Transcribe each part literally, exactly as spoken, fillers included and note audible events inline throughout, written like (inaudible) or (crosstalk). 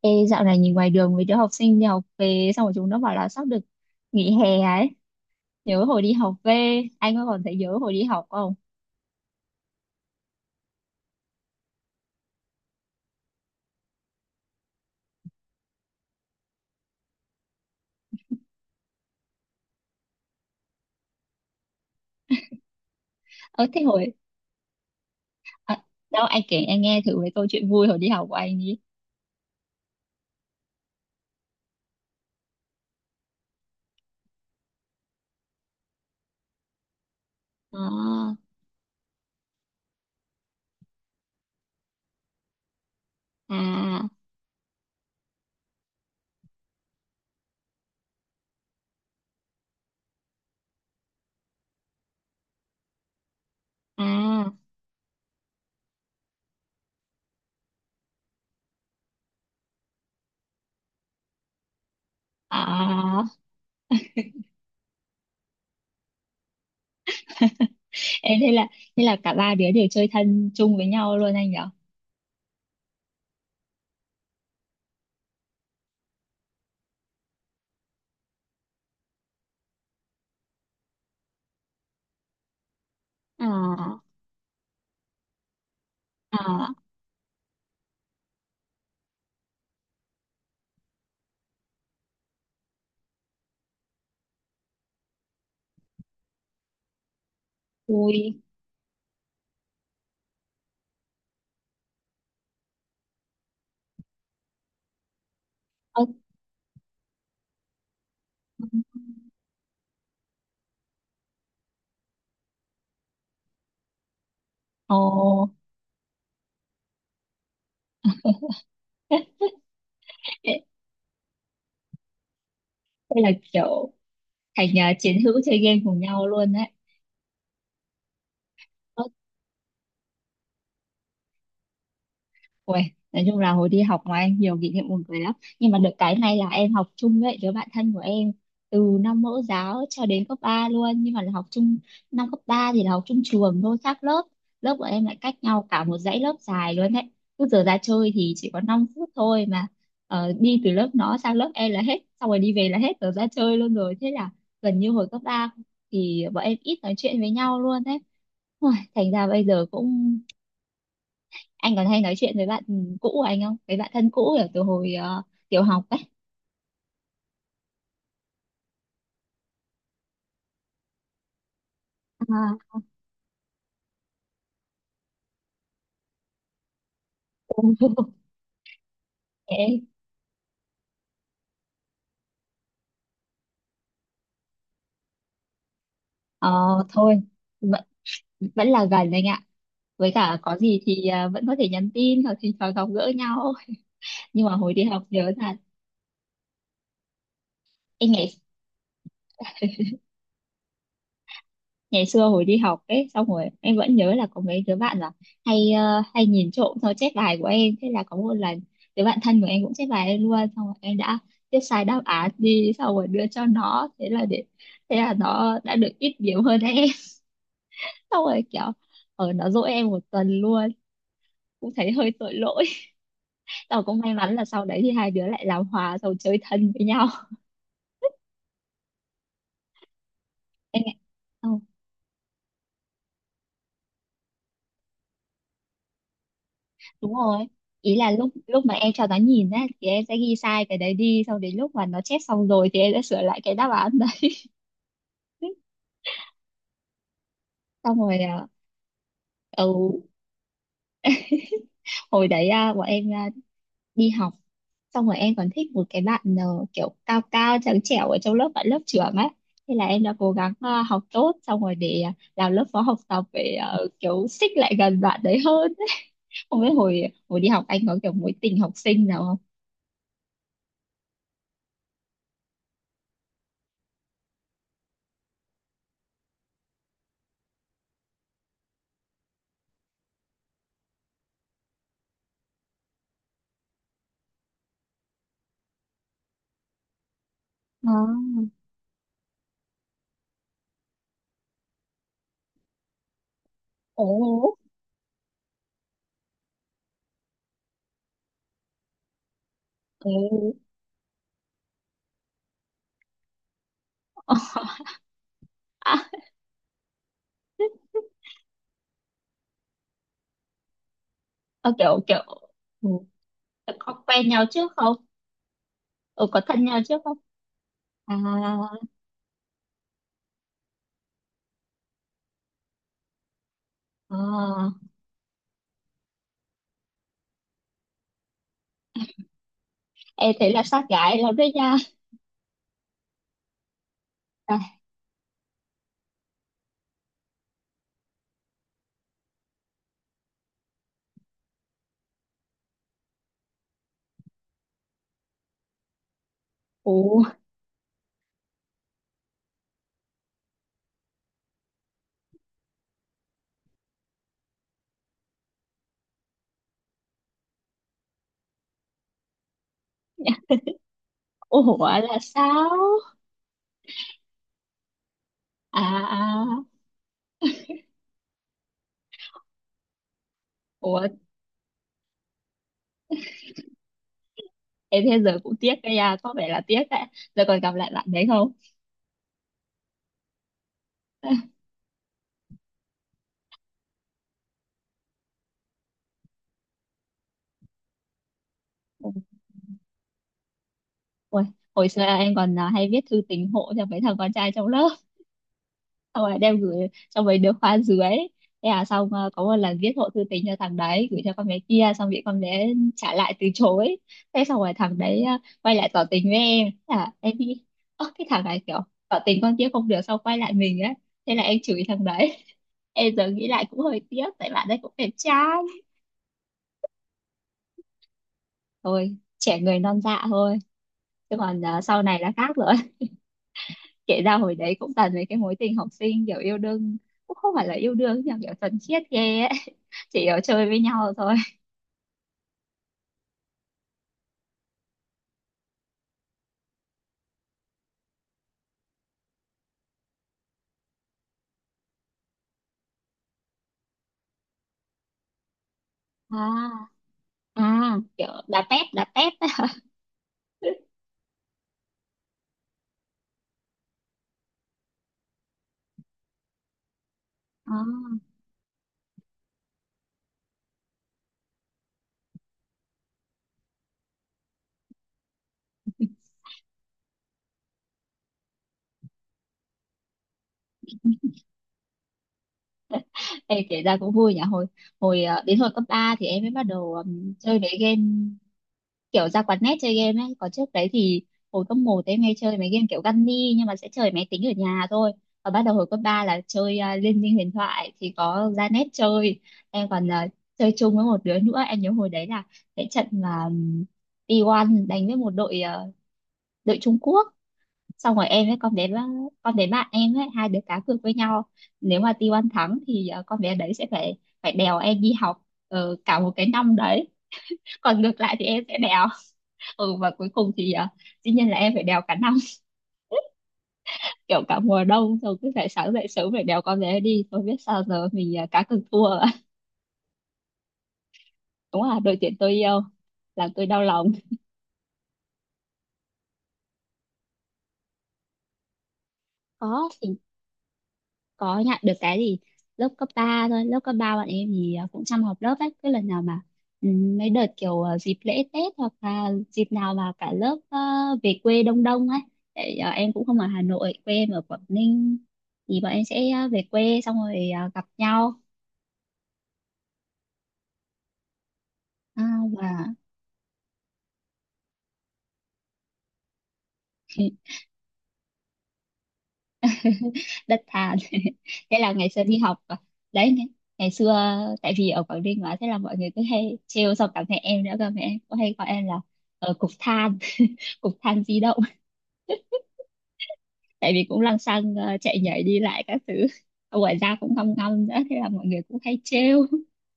Ê, dạo này nhìn ngoài đường mấy đứa học sinh đi học về xong rồi chúng nó bảo là sắp được nghỉ hè ấy. Nhớ hồi đi học về, anh có còn thấy nhớ hồi đi học không? ờ thế hồi à, Đâu anh kể anh nghe thử về câu chuyện vui hồi đi học của anh đi. À, à, à, à. Ê, thế là thế là cả ba đứa đều chơi thân chung với nhau luôn, anh nhỉ? À, à, vui. Ơ, ồ. (laughs) Thế là kiểu thành à, chiến hữu chơi game cùng nhau luôn đấy. Ui, nói chung là hồi đi học ngoài anh nhiều kỷ niệm buồn cười lắm. Nhưng mà được cái này là em học chung với đứa bạn thân của em từ năm mẫu giáo cho đến cấp ba luôn. Nhưng mà là học chung, năm cấp ba thì là học chung trường thôi, khác lớp Lớp của em lại cách nhau cả một dãy lớp dài luôn đấy. Cứ giờ ra chơi thì chỉ có năm phút thôi mà, ờ, đi từ lớp nó sang lớp em là hết, xong rồi đi về là hết giờ ra chơi luôn rồi. Thế là gần như hồi cấp ba thì bọn em ít nói chuyện với nhau luôn đấy. Ui, thành ra bây giờ cũng, anh còn hay nói chuyện với bạn cũ của anh không, với bạn thân cũ ở từ hồi ờ, tiểu học ấy? À. (laughs) Thế, ờ, thôi, vẫn vẫn là gần anh ạ. Với cả có gì thì ờ, vẫn có thể nhắn tin hoặc thì thoảng gặp gỡ nhau. Nhưng mà hồi đi học nhớ thật. Em nghĩ ngày xưa hồi đi học ấy, xong rồi em vẫn nhớ là có mấy đứa bạn là hay ờ, hay nhìn trộm sao chép bài của em. Thế là có một lần đứa bạn thân của em cũng chép bài em luôn, xong rồi em đã viết sai đáp án đi xong rồi đưa cho nó. Thế là để thế là nó đã được ít điểm hơn em. (laughs) Xong rồi kiểu, ở nó dỗi em một tuần luôn, cũng thấy hơi tội lỗi. Tao cũng may mắn là sau đấy thì hai đứa lại làm hòa rồi chơi thân với nhau. (laughs) Em ạ, đúng rồi. Ý là lúc lúc mà em cho nó nhìn á thì em sẽ ghi sai cái đấy đi, xong đến lúc mà nó chép xong rồi thì em sẽ sửa lại cái đáp án đấy. (laughs) Xong rồi à, ừ, hồi đấy à, bọn em à, đi học, xong rồi em còn thích một cái bạn ờ, kiểu cao cao trắng trẻo ở trong lớp, bạn lớp trưởng á. Thế là em đã cố gắng ờ, học tốt xong rồi để ờ, làm lớp phó học tập, để ờ, kiểu xích lại gần bạn đấy hơn. (laughs) Không biết hồi hồi đi học anh có kiểu mối tình học sinh nào không? À, ồ, ồ. (laughs) Ờ, kiểu kiểu ừ, có quen nhau trước không? Ừ, có thân nhau trước không? À, à. Ê, thế là sát gái lắm đấy nha. À, ủa, ủa là sao? À, à, ủa, em thế giờ cũng tiếc đấy nha, có vẻ là tiếc đấy. Giờ còn gặp lại bạn đấy không? (laughs) Ủa, hồi xưa em còn à, hay viết thư tình hộ cho mấy thằng con trai trong lớp. Xong rồi đem gửi cho mấy đứa khóa dưới. Thế là xong, ờ, có một lần viết hộ thư tình cho thằng đấy gửi cho con bé kia, xong bị con bé trả lại từ chối. Thế xong rồi thằng đấy ờ, quay lại tỏ tình với em. Thế là em nghĩ, ơ cái thằng này kiểu tỏ tình con kia không được xong quay lại mình ấy. Thế là em chửi thằng đấy. (laughs) Em giờ nghĩ lại cũng hơi tiếc, tại bạn đấy cũng đẹp trai. Thôi, trẻ người non dạ thôi, chứ còn ờ, sau này là khác rồi. Kể ra hồi đấy cũng toàn mấy cái mối tình học sinh, kiểu yêu đương cũng không phải là yêu đương, nhưng mà kiểu thuần khiết ghê ấy. (laughs) Chỉ kiểu chơi với nhau thôi. À, à, kiểu đá tép, đá tép. (laughs) À, ê, kể ra cũng vui nhỉ hồi hồi ờ, đến hồi cấp ba thì em mới bắt đầu ừm, chơi mấy game, kiểu ra quán net chơi game ấy. Có trước đấy thì hồi cấp một em hay chơi mấy game kiểu Gunny, nhưng mà sẽ chơi máy tính ở nhà thôi. Và bắt đầu hồi cấp ba là chơi à, Liên minh huyền thoại thì có ra net chơi. Em còn à, chơi chung với một đứa nữa. Em nhớ hồi đấy là cái trận mà um, tê một đánh với một đội à, đội Trung Quốc. Xong rồi em với con bé con bé bạn em ấy, hai đứa cá cược với nhau. Nếu mà ti oăn thắng thì à, con bé đấy sẽ phải phải đèo em đi học ờ, cả một cái năm đấy. Còn ngược lại thì em sẽ đèo. Ừ, và cuối cùng thì à, dĩ nhiên là em phải đèo cả năm. (laughs) Kiểu cả mùa đông rồi cứ phải sáng dậy sớm phải đèo con bé đi. Tôi biết sao giờ, mình à, cá cược thua. (laughs) Ạ. Đúng là đội tuyển tôi yêu làm tôi đau lòng. Có thì có nhận được cái gì. Lớp cấp ba thôi, lớp cấp ba bọn em thì à, cũng chăm học, lớp ấy cứ lần nào mà, ừ, mấy đợt kiểu à, dịp lễ Tết hoặc là dịp nào mà cả lớp à, về quê đông đông ấy. Để à, em cũng không ở Hà Nội, quê em ở Quảng Ninh. Thì bọn em sẽ à, về quê xong rồi à, gặp nhau. À, và. (laughs) Đất than. (laughs) Thế là ngày xưa đi học à, đấy ngày, ngày xưa, tại vì ở Quảng Ninh mà thế là mọi người cứ hay trêu, xong cả mẹ em nữa cơ, mẹ em cũng hay gọi em là ở cục than. (laughs) Cục than di động. (laughs) Tại vì cũng lăng xăng ờ, chạy nhảy đi lại các thứ, ngoài ra cũng ngâm ngâm nữa, thế là mọi người cũng hay trêu.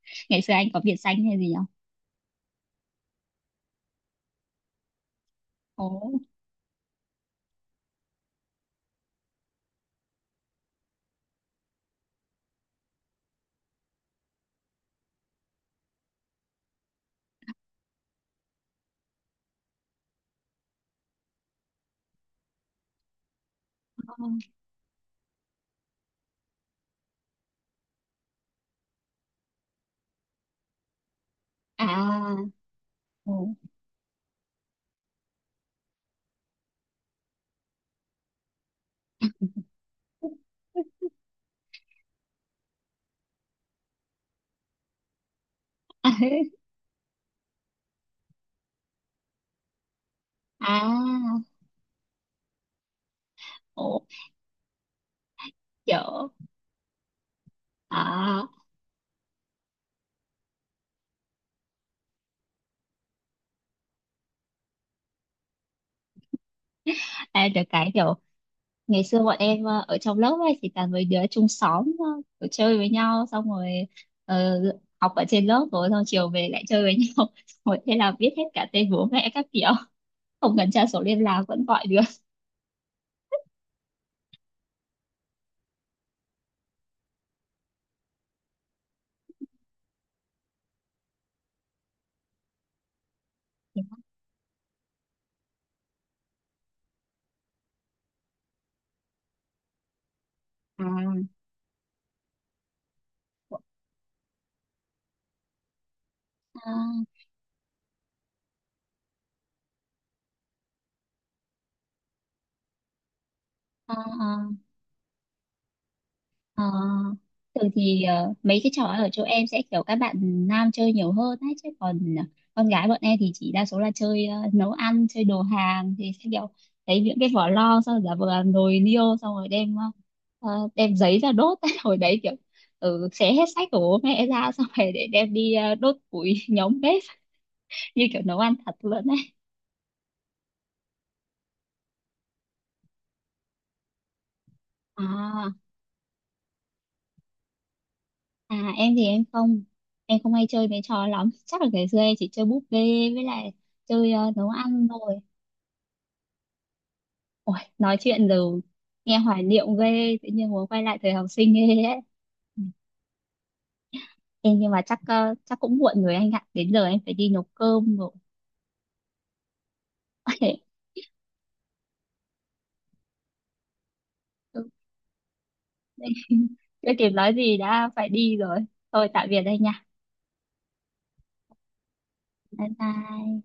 (laughs) Ngày xưa anh có biệt danh hay gì không? Ồ, à, ồ. (laughs) À, à, ồ, kiểu, à, em được cái kiểu, ngày xưa bọn em ờ, ở trong lớp ấy thì toàn mấy đứa chung xóm, ờ, kiểu chơi với nhau, xong rồi ờ, học ở trên lớp rồi xong chiều về lại chơi với nhau. (laughs) Rồi thế là biết hết cả tên bố mẹ các kiểu, không cần tra sổ liên lạc vẫn gọi được. À, à, à, à. Ờ, thường thì ờ, mấy cái trò ở chỗ em sẽ kiểu các bạn nam chơi nhiều hơn ấy, chứ còn ờ, con gái bọn em thì chỉ đa số là chơi ờ, nấu ăn, chơi đồ hàng thì sẽ kiểu lấy những cái vỏ lo xong giả vờ làm nồi niêu, xong rồi đem ờ, ờ, đem giấy ra đốt. (laughs) Hồi đấy kiểu, ừ, xé hết sách của bố mẹ ra xong rồi để đem đi ờ, đốt củi. (laughs) Nhóm bếp. (laughs) Như kiểu nấu ăn thật luôn ấy. À, à, em thì em không em không hay chơi mấy trò lắm, chắc là ngày xưa em chỉ chơi búp bê, với lại chơi ờ, nấu ăn thôi. Ôi, nói chuyện rồi nghe hoài niệm ghê, tự nhiên muốn quay lại thời học sinh ghê ấy. Ê, nhưng mà chắc ờ, chắc cũng muộn rồi anh ạ, đến giờ em phải đi nấu cơm rồi. (laughs) Ok, chưa kịp nói gì đã phải đi rồi. Thôi, tạm biệt anh nha. Bye bye.